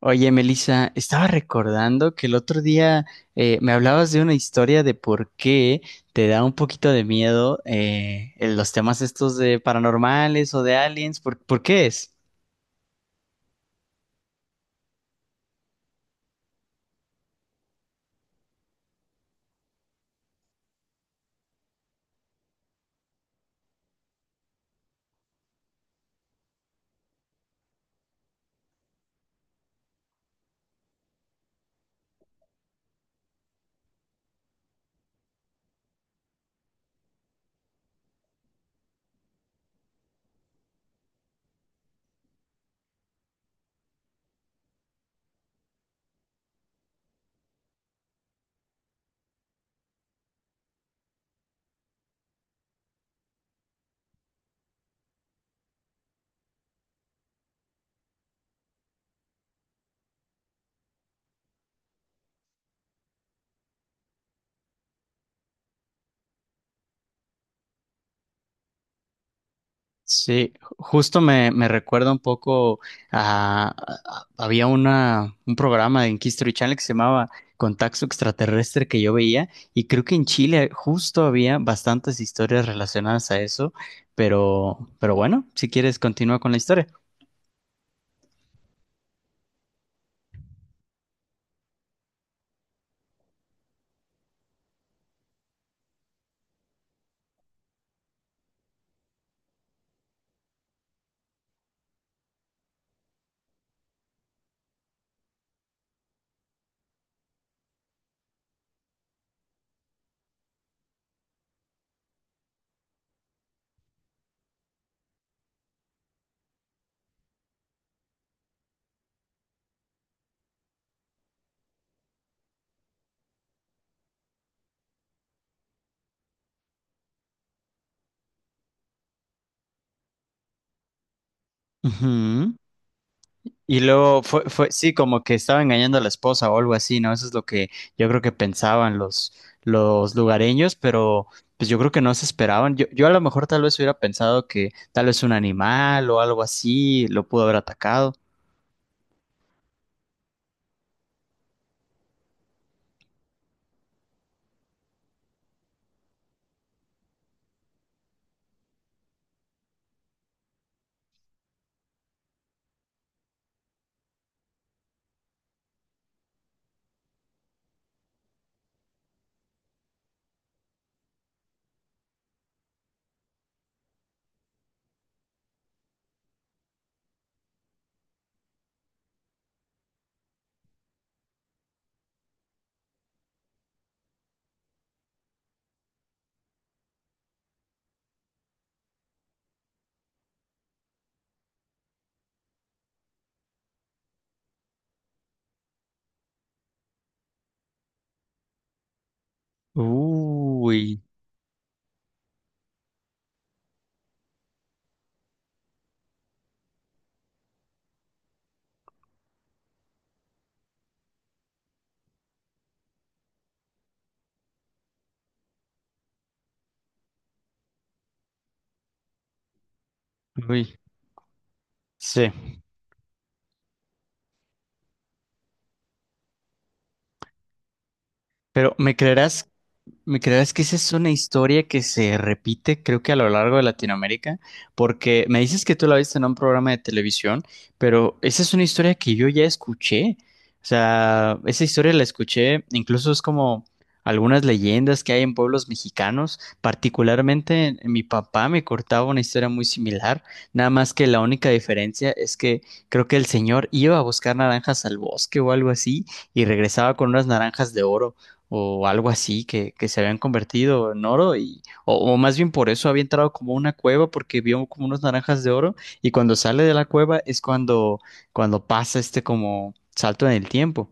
Oye, Melissa, estaba recordando que el otro día me hablabas de una historia de por qué te da un poquito de miedo en los temas estos de paranormales o de aliens. ¿Por qué es? Sí, justo me recuerda un poco a, había un programa en History Channel que se llamaba Contacto Extraterrestre que yo veía, y creo que en Chile justo había bastantes historias relacionadas a eso, pero bueno, si quieres continúa con la historia. Ujú. Y luego fue, sí, como que estaba engañando a la esposa o algo así, ¿no? Eso es lo que yo creo que pensaban los lugareños, pero pues yo creo que no se esperaban. Yo a lo mejor tal vez hubiera pensado que tal vez un animal o algo así lo pudo haber atacado. Uy, uy, sí. Pero ¿me creerás Me creerás que esa es una historia que se repite, creo que a lo largo de Latinoamérica, porque me dices que tú la viste en un programa de televisión, pero esa es una historia que yo ya escuché? O sea, esa historia la escuché, incluso es como algunas leyendas que hay en pueblos mexicanos. Particularmente, en mi papá me cortaba una historia muy similar, nada más que la única diferencia es que creo que el señor iba a buscar naranjas al bosque o algo así y regresaba con unas naranjas de oro, o algo así que se habían convertido en oro, y o más bien por eso había entrado como a una cueva porque vio como unas naranjas de oro, y cuando sale de la cueva es cuando cuando pasa este como salto en el tiempo.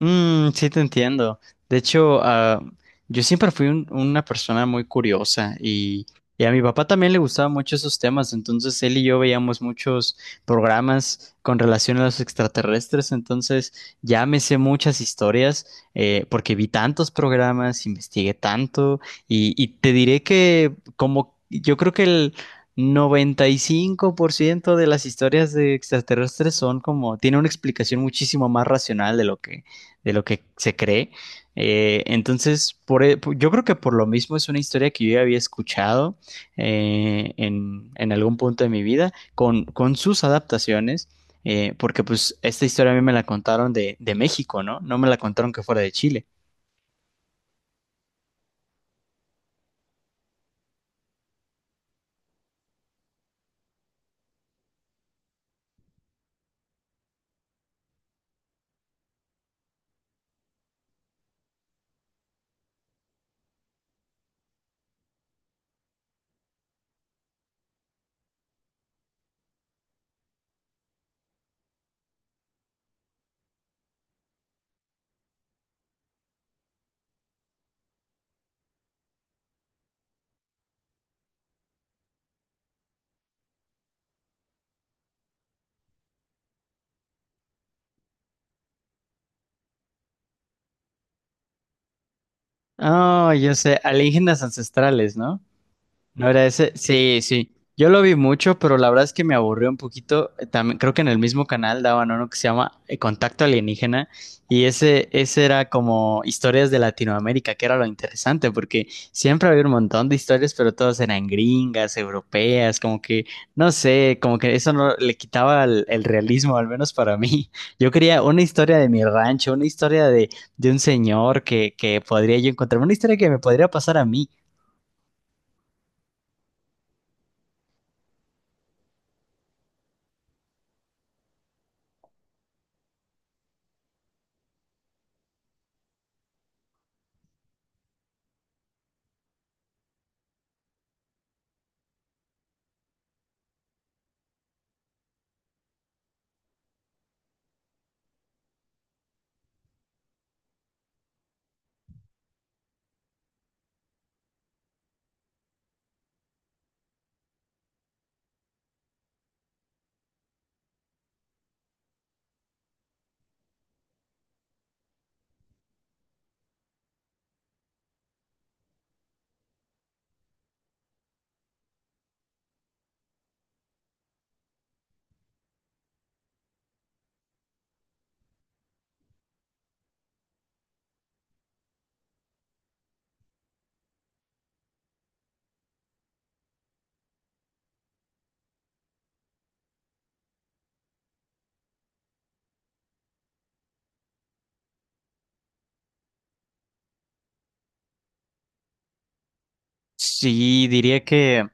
Mm, sí, te entiendo. De hecho, yo siempre fui una persona muy curiosa y a mi papá también le gustaban mucho esos temas, entonces él y yo veíamos muchos programas con relación a los extraterrestres, entonces ya me sé muchas historias, porque vi tantos programas, investigué tanto, y te diré que como yo creo que el 95% de las historias de extraterrestres son como, tiene una explicación muchísimo más racional de lo que se cree. Entonces, yo creo que por lo mismo es una historia que yo ya había escuchado, en algún punto de mi vida con sus adaptaciones, porque pues esta historia a mí me la contaron de México, ¿no? No me la contaron que fuera de Chile. Ah, yo sé, alienígenas ancestrales, ¿no? ¿No era ese? Sí, sí. Yo lo vi mucho, pero la verdad es que me aburrió un poquito. También creo que en el mismo canal daban uno que se llama Contacto Alienígena, y ese era como historias de Latinoamérica, que era lo interesante, porque siempre había un montón de historias, pero todas eran gringas, europeas, como que, no sé, como que eso no le quitaba el realismo, al menos para mí. Yo quería una historia de mi rancho, una historia de un señor que podría yo encontrar, una historia que me podría pasar a mí. Sí, diría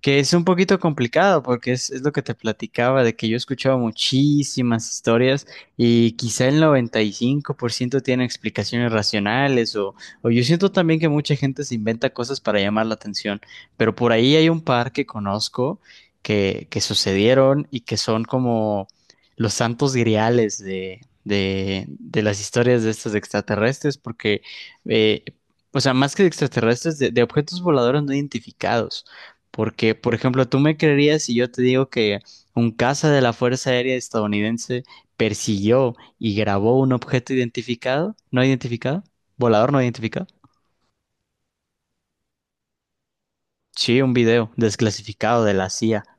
que es un poquito complicado porque es lo que te platicaba, de que yo he escuchado muchísimas historias, y quizá el 95% tiene explicaciones racionales, o yo siento también que mucha gente se inventa cosas para llamar la atención, pero por ahí hay un par que conozco que sucedieron y que son como los santos griales de, de las historias de estos extraterrestres porque... eh, o sea, más que de extraterrestres, de objetos voladores no identificados. Porque, por ejemplo, tú me creerías si yo te digo que un caza de la Fuerza Aérea estadounidense persiguió y grabó un objeto identificado, no identificado, volador no identificado. Sí, un video desclasificado de la CIA.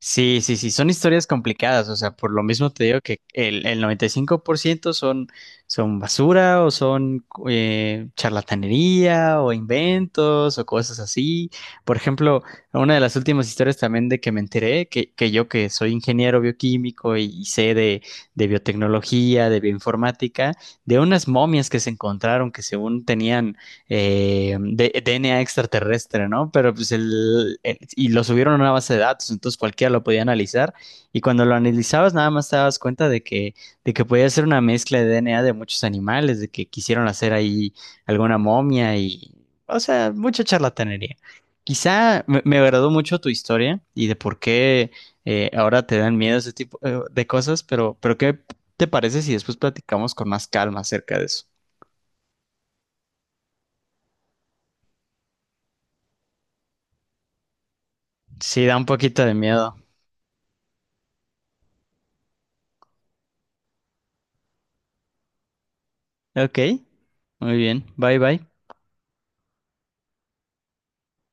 Sí, sí, sí, son historias complicadas, o sea, por lo mismo te digo que el 95% son, son basura, o son charlatanería o inventos o cosas así. Por ejemplo, una de las últimas historias también de que me enteré, que yo que soy ingeniero bioquímico y sé de biotecnología, de bioinformática, de unas momias que se encontraron que según tenían DNA extraterrestre, ¿no? Pero pues y lo subieron a una base de datos, entonces cualquiera lo podía analizar, y cuando lo analizabas nada más te dabas cuenta de que podía ser una mezcla de DNA de muchos animales, de que quisieron hacer ahí alguna momia y, o sea, mucha charlatanería. Quizá me agradó mucho tu historia y de por qué ahora te dan miedo ese tipo de cosas, pero ¿qué te parece si después platicamos con más calma acerca de eso? Sí, da un poquito de miedo. Ok, muy bien. Bye bye.